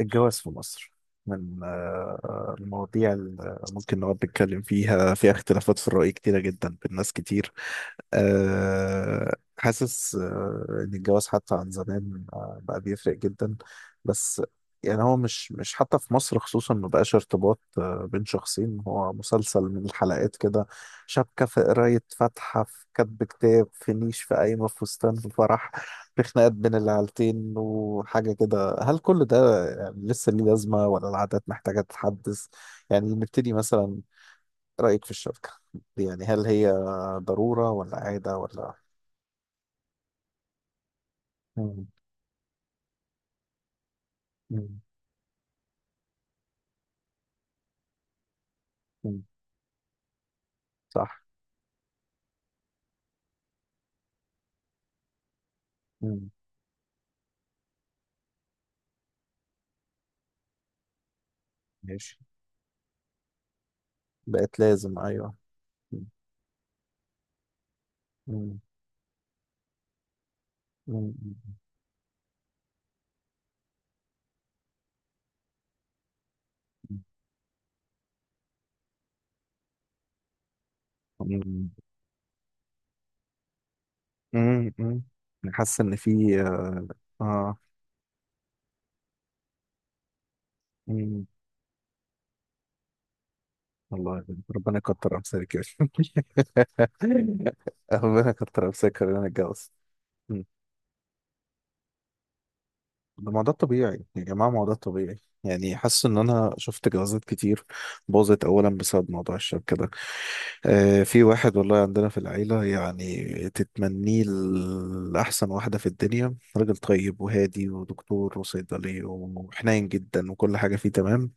الجواز في مصر من المواضيع اللي ممكن نقعد نتكلم فيها، فيها اختلافات في الرأي كتيرة جدا بين ناس كتير. حاسس إن الجواز حتى عن زمان بقى بيفرق جدا. بس يعني هو مش حتى في مصر خصوصا ما بقاش ارتباط بين شخصين. هو مسلسل من الحلقات كده، شبكة، في قراية، فاتحة، في كتب كتاب، في نيش، في قايمة، في فستان، في فرح، في خناقات بين العيلتين وحاجة كده. فهل كل ده يعني لسه ليه لازمة ولا العادات محتاجة تتحدث؟ يعني نبتدي مثلا، رأيك في الشبكة دي، يعني هل هي ضرورة ولا عادة ولا... مم. مم. مم. صح. مم. ماشي. بقت لازم، أيوه. مم. مم. مم. مم. مم. مم. أنا حاسس إن في آه مم. والله، ربنا يكتر أمثالك يا شيخ. ربنا يكتر أمثالك، خلينا نتجوز. ده ما ده الطبيعي يا جماعة، ما هو ده الطبيعي. يعني حاسس ان انا شفت جوازات كتير باظت اولا بسبب موضوع الشبكة ده. في واحد والله عندنا في العيلة يعني تتمنيه لأحسن واحدة في الدنيا، راجل طيب وهادي ودكتور وصيدلي وحنين جدا وكل حاجة فيه تمام.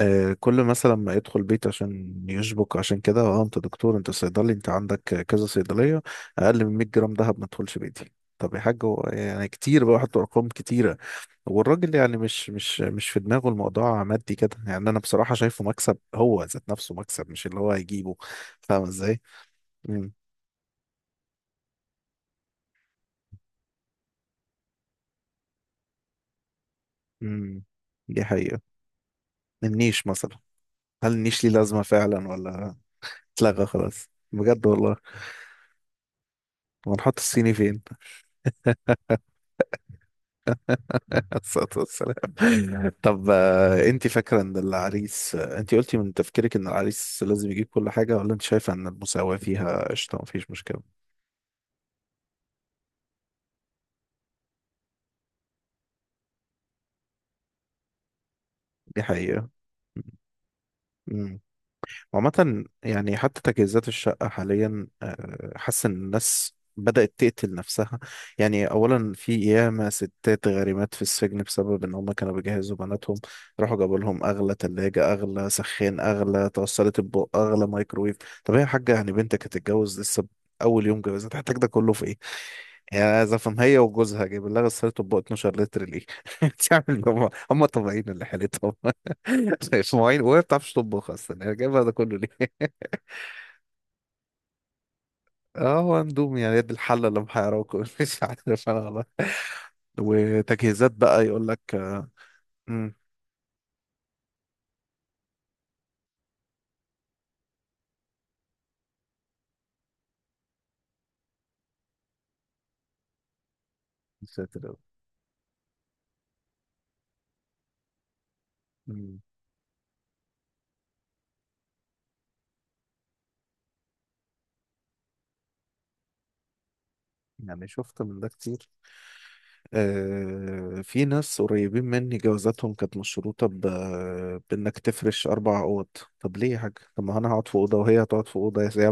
كل مثلا ما يدخل بيت عشان يشبك عشان كده، اه انت دكتور، انت صيدلي، انت عندك كذا صيدلية، اقل من 100 جرام دهب ما تدخلش بيتي. طب يا حاج، هو يعني كتير بقى حطوا ارقام كتير. والراجل يعني مش في دماغه الموضوع مادي كده، يعني انا بصراحة شايفه مكسب، هو ذات نفسه مكسب مش اللي هو هيجيبه، فاهم ازاي. امم. امم، دي حقيقة. النيش مثلا، هل النيش ليه لازمة فعلا ولا... اتلغى خلاص بجد والله. ونحط الصيني فين؟ الصلاة والسلام. طب انت فاكرة ان العريس، انت قلتي من تفكيرك ان العريس لازم يجيب كل حاجة، ولا انت شايفة ان المساواة فيها قشطة مفيش مشكلة؟ دي حقيقة. عامة يعني حتى تجهيزات الشقة حاليا حاسس إن الناس بدأت تقتل نفسها. يعني أولا في ياما ستات غارمات في السجن بسبب إن هما كانوا بيجهزوا بناتهم، راحوا جابوا لهم أغلى تلاجة، أغلى سخان، أغلى توصلت أطباق، أغلى مايكرويف. طب هي يا حاجة، يعني بنتك هتتجوز لسه، أول يوم جوازها تحتاج ده كله في إيه؟ هي عايز افهم، هي وجوزها جايب لها غسالة اطباق 12 لتر ليه؟ بتعمل هم هم طبيعيين اللي حالتهم. مش مواعين وهي ما بتعرفش تطبخ اصلا، هي جايبها ده كله ليه؟ اه هو اندومي يعني، يد الحلة اللي محيراكم. مش عارف انا والله. وتجهيزات بقى يقول لك. امم. يا ساتر يا رب. مم. يعني شفت من ده كتير. في ناس قريبين مني جوازاتهم كانت مشروطة بإنك تفرش أربع أوض. طب ليه يا حاج؟ طب ما أنا هقعد في أوضة وهي هتقعد في أوضة يا سيدي،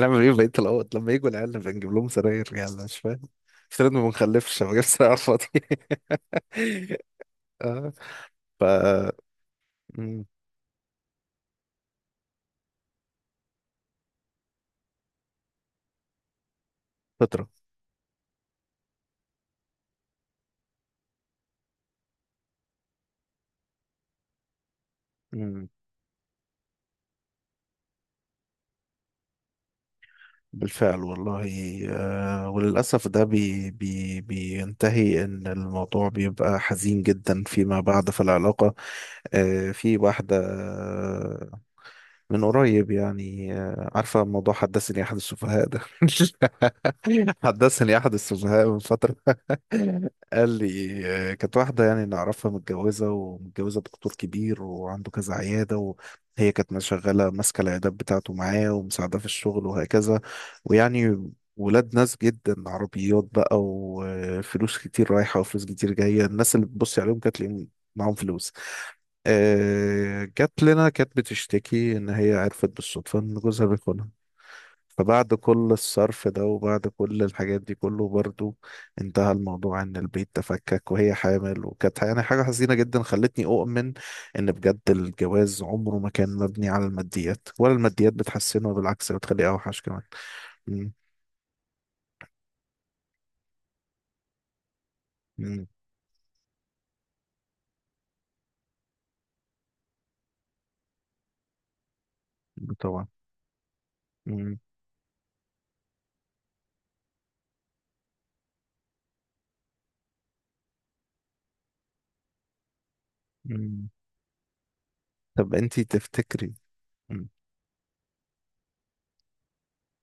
نعمل إيه في بقية الأوض؟ لما يجوا العيال نبقى نجيب لهم سراير، يعني مش فاهم. افترض ما بنخلفش، ما جبتش سراير على الفاضي. آه، ف مم، فطرة. مم، بالفعل والله. وللأسف ده بي بي بينتهي إن الموضوع بيبقى حزين جدا فيما بعد في العلاقة. في واحدة من قريب يعني، عارفة موضوع حدثني أحد السفهاء ده. حدثني أحد السفهاء من فترة، قال لي كانت واحدة يعني نعرفها متجوزة، ومتجوزة دكتور كبير وعنده كذا عيادة، وهي كانت شغالة ماسكة العيادات بتاعته معاه ومساعدة في الشغل وهكذا. ويعني ولاد ناس جدا، عربيات بقى وفلوس كتير رايحة وفلوس كتير جاية، الناس اللي بتبصي عليهم كانت تلاقيهم معاهم فلوس. جت لنا كانت بتشتكي ان هي عرفت بالصدفه ان جوزها بيخونها. فبعد كل الصرف ده وبعد كل الحاجات دي كله برضو انتهى الموضوع ان البيت تفكك وهي حامل، وكانت يعني حاجه حزينه جدا خلتني اؤمن ان بجد الجواز عمره ما كان مبني على الماديات، ولا الماديات بتحسنه، بالعكس بتخليه اوحش كمان. مم، مم، طبعا. مم، مم. طب انتي تفتكري،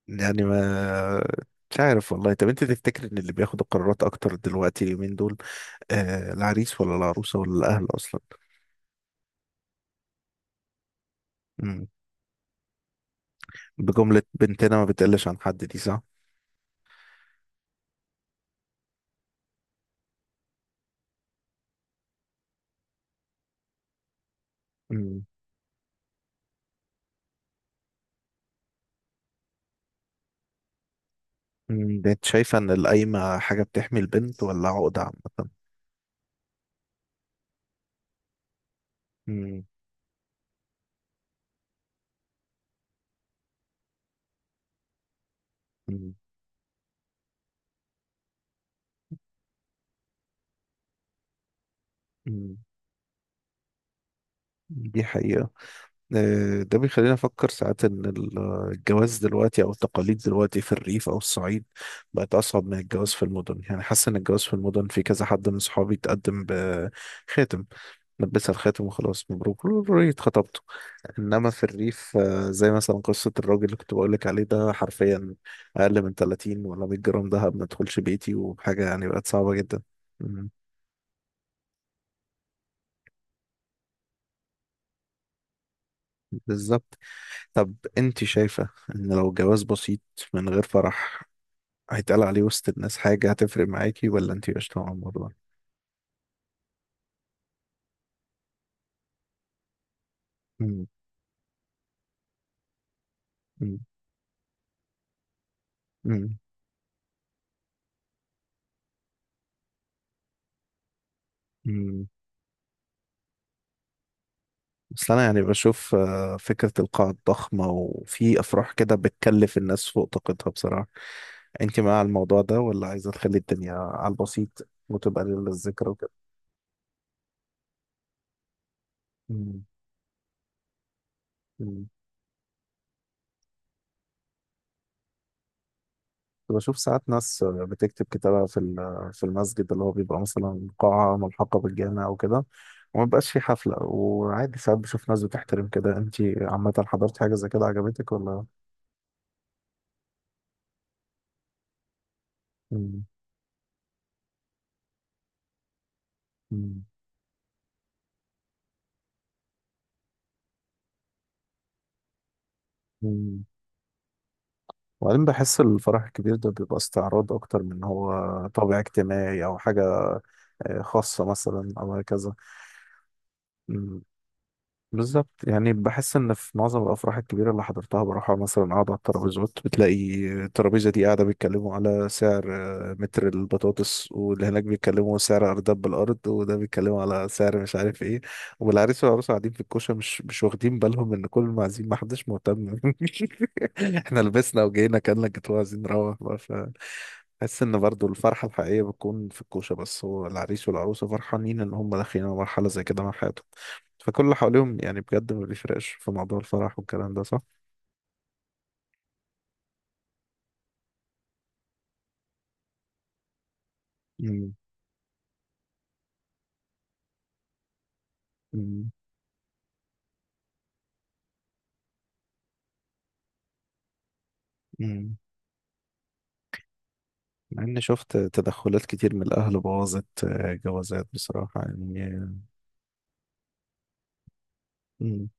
يعني ما... مش عارف والله. طب انت تفتكر ان اللي بياخد القرارات اكتر دلوقتي اليومين دول العريس ولا العروسه ولا الاهل اصلا؟ مم. بجمله بنتنا ما بتقلش عن حد، دي صح. مم. مم. ده انت شايفه ان القايمه حاجه بتحمي البنت ولا عقده عامه؟ مم. مم. مم. دي حقيقه. ده بيخلينا نفكر ساعات إن الجواز دلوقتي أو التقاليد دلوقتي في الريف أو الصعيد بقت أصعب من الجواز في المدن. يعني حاسس إن الجواز في المدن، في كذا حد من صحابي تقدم بخاتم، لبسها الخاتم وخلاص مبروك ريت خطبته. انما في الريف زي مثلا قصه الراجل اللي كنت بقول لك عليه ده، حرفيا اقل من 30 ولا 100 جرام دهب ما تدخلش بيتي، وحاجه يعني بقت صعبه جدا. مم، بالظبط. طب انت شايفه ان لو جواز بسيط من غير فرح هيتقال عليه وسط الناس حاجة، هتفرق معاكي ولا انتي قشطة مع الموضوع؟ مم، مم، مم، مم. بس أنا يعني بشوف فكرة القاعة الضخمة وفي أفراح كده بتكلف الناس فوق طاقتها بصراحة. انتي مع الموضوع ده ولا عايزة تخلي الدنيا على البسيط وتبقى للذكرى وكده؟ مم، مم. كنت بشوف ساعات ناس بتكتب كتابة في المسجد، اللي هو بيبقى مثلا قاعة ملحقة بالجامع أو كده، وما بيبقاش في حفلة، وعادي ساعات بشوف ناس بتحترم كده. أنت عامة حضرت حاجة زي كده عجبتك ولا؟ مم. مم. مم. وبعدين بحس الفرح الكبير ده بيبقى استعراض أكتر من هو طابع اجتماعي أو حاجة خاصة مثلا أو هكذا. بالظبط. يعني بحس ان في معظم الافراح الكبيره اللي حضرتها بروحها، مثلا قاعد على الترابيزات بتلاقي الترابيزه دي قاعده بيتكلموا على سعر متر البطاطس، واللي هناك بيتكلموا سعر ارداب بالارض، وده بيتكلموا على سعر مش عارف ايه. والعريس والعروسه قاعدين في الكوشه مش واخدين بالهم ان كل المعازيم ما حدش مهتم. احنا لبسنا وجينا كأننا الجاتوه، عايزين نروح بقى بحس ان برضو الفرحه الحقيقيه بتكون في الكوشه، بس هو العريس والعروسه فرحانين ان هم داخلين على مرحله زي كده من حياتهم. فكل اللي حواليهم يعني بجد ما بيفرقش في موضوع الفرح والكلام ده، صح؟ مم. مم. مم. مع اني شفت تدخلات كتير من الاهل بوظت جوازات بصراحة يعني. مم.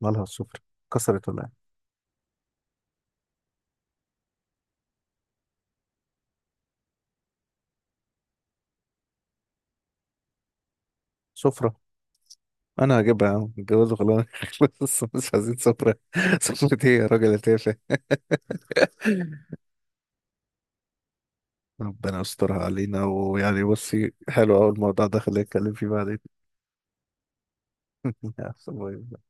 مالها السفرة؟ كسرت ولا إيه؟ سفرة، انا هجيبها يا عم الجواز خلاص. خلص مش عايزين سفرة. سفرة ايه يا راجل يا تافه؟ ربنا يسترها علينا. ويعني بصي، حلو اول الموضوع ده خلينا نتكلم فيه بعدين.